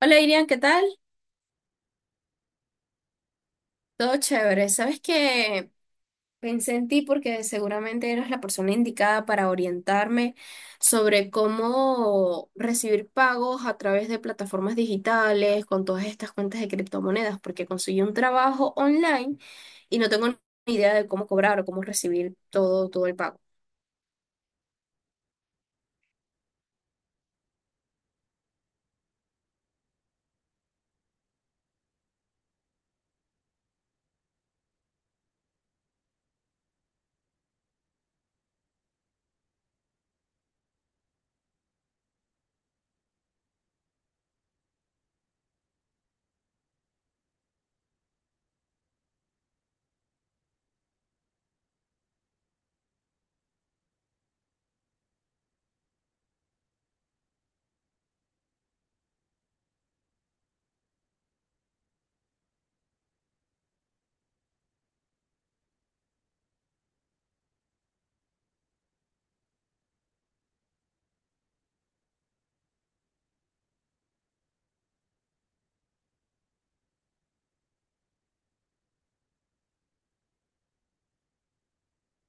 Hola Irian, ¿qué tal? Todo chévere. Sabes que pensé en ti porque seguramente eras la persona indicada para orientarme sobre cómo recibir pagos a través de plataformas digitales con todas estas cuentas de criptomonedas, porque conseguí un trabajo online y no tengo ni idea de cómo cobrar o cómo recibir todo el pago.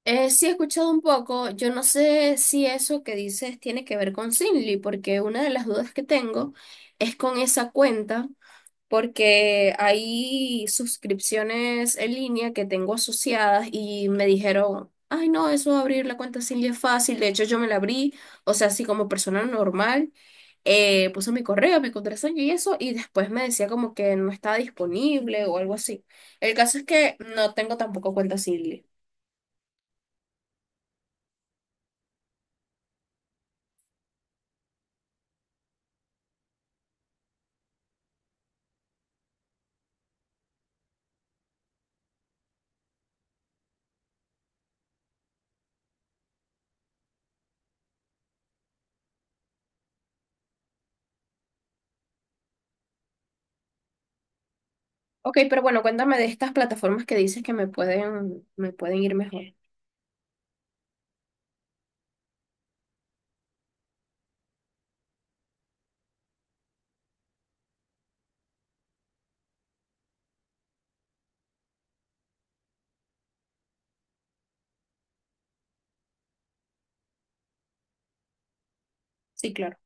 Sí he escuchado un poco, yo no sé si eso que dices tiene que ver con Simly, porque una de las dudas que tengo es con esa cuenta. Porque hay suscripciones en línea que tengo asociadas y me dijeron, ay no, eso de abrir la cuenta Silvia es fácil, de hecho yo me la abrí, o sea, así como persona normal, puse mi correo, mi contraseña y eso, y después me decía como que no estaba disponible o algo así. El caso es que no tengo tampoco cuenta Silvia. Ok, pero bueno, cuéntame de estas plataformas que dices que me pueden ir mejor. Sí, claro.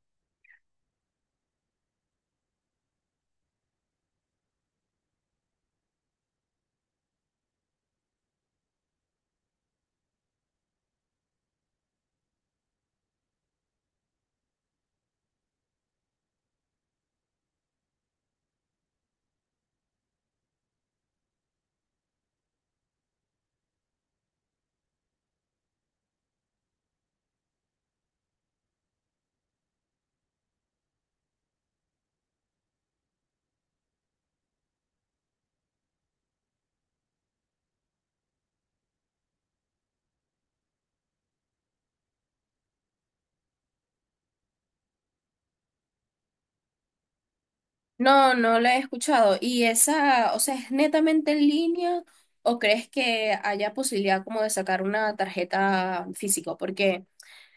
No, no la he escuchado. ¿Y esa, o sea, es netamente en línea o crees que haya posibilidad como de sacar una tarjeta física? Porque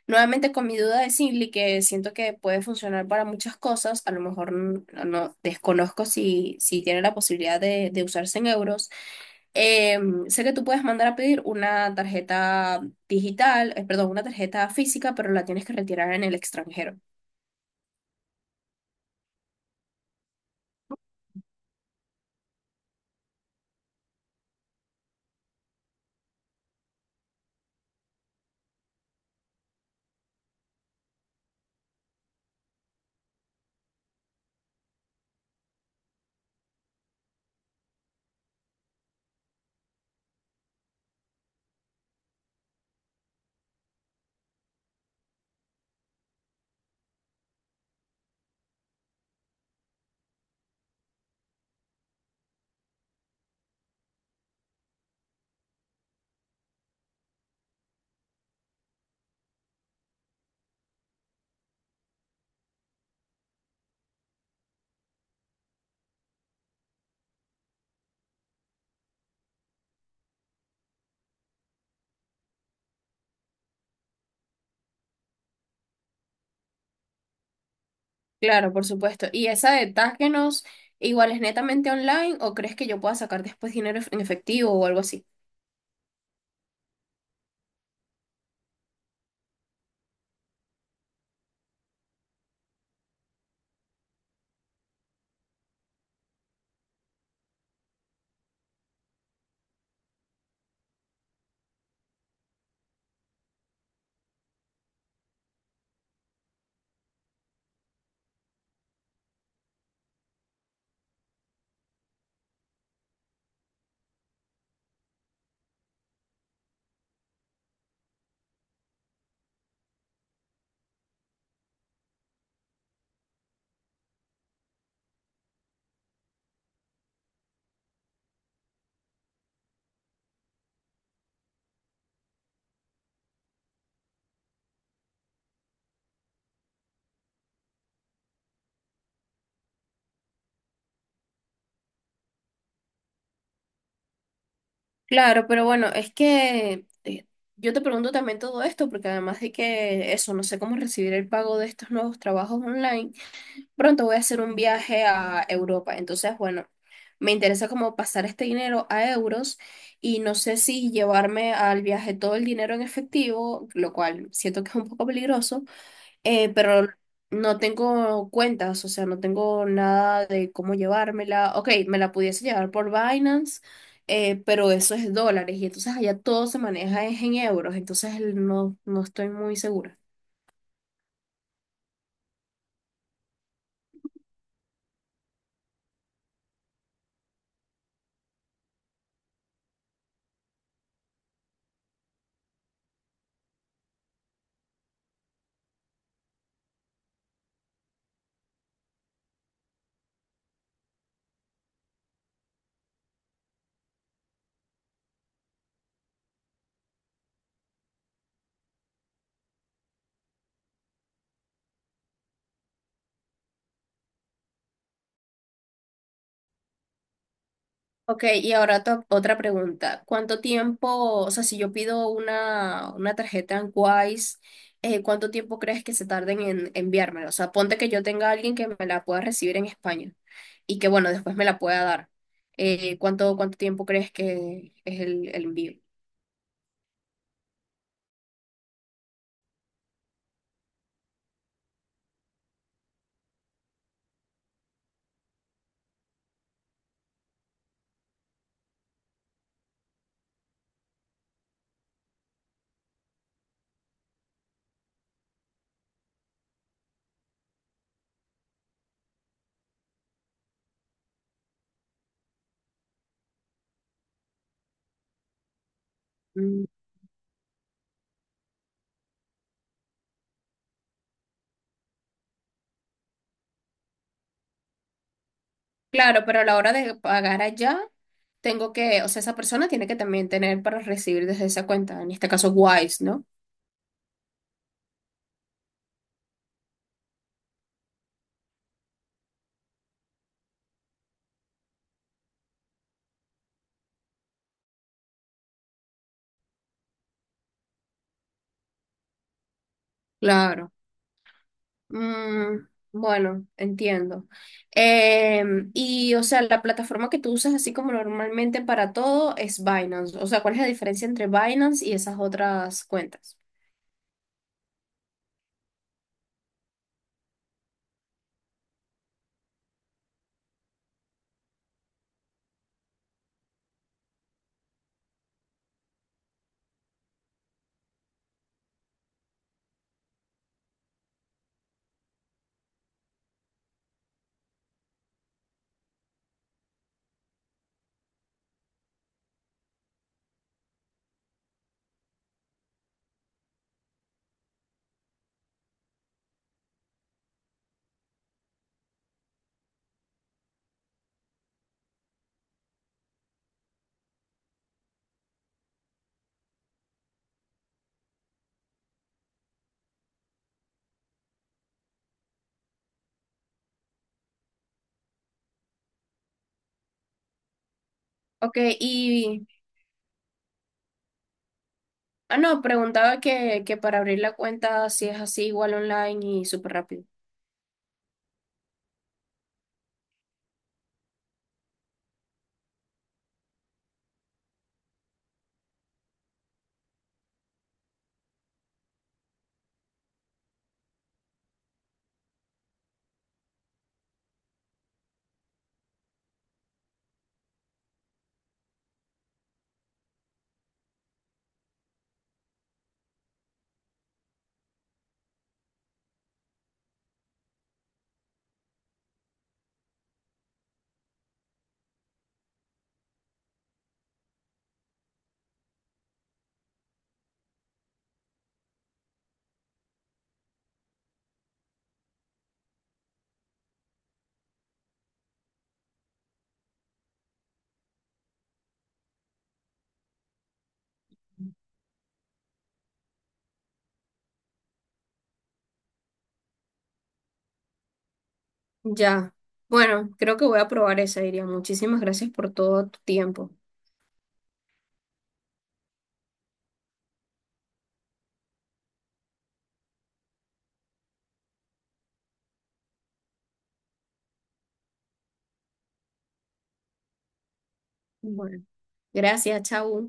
nuevamente con mi duda de Simply, que siento que puede funcionar para muchas cosas, a lo mejor no, desconozco si tiene la posibilidad de usarse en euros. Eh, sé que tú puedes mandar a pedir una tarjeta digital, perdón, una tarjeta física, pero la tienes que retirar en el extranjero. Claro, por supuesto. ¿Y esa de Taskenos igual es netamente online o crees que yo pueda sacar después dinero en efectivo o algo así? Claro, pero bueno, es que yo te pregunto también todo esto porque además de que eso, no sé cómo recibir el pago de estos nuevos trabajos online, pronto voy a hacer un viaje a Europa. Entonces, bueno, me interesa como pasar este dinero a euros y no sé si llevarme al viaje todo el dinero en efectivo, lo cual siento que es un poco peligroso. Pero no tengo cuentas, o sea, no tengo nada de cómo llevármela. Ok, me la pudiese llevar por Binance, pero eso es dólares y entonces allá todo se maneja es en euros, entonces no, no estoy muy segura. Ok, y ahora otra pregunta. ¿Cuánto tiempo, o sea, si yo pido una tarjeta en Wise, cuánto tiempo crees que se tarden en enviármela? O sea, ponte que yo tenga a alguien que me la pueda recibir en España y que, bueno, después me la pueda dar. ¿Cuánto tiempo crees que es el envío? Mm. Claro, pero a la hora de pagar allá, tengo que, o sea, esa persona tiene que también tener para recibir desde esa cuenta, en este caso Wise, ¿no? Claro. Mm, bueno, entiendo. Y, o sea, la plataforma que tú usas así como normalmente para todo es Binance. O sea, ¿cuál es la diferencia entre Binance y esas otras cuentas? Ok, y... Ah, no, preguntaba que para abrir la cuenta si es así igual online y súper rápido. Ya. Bueno, creo que voy a probar esa, Iria. Muchísimas gracias por todo tu tiempo. Bueno, gracias, chao.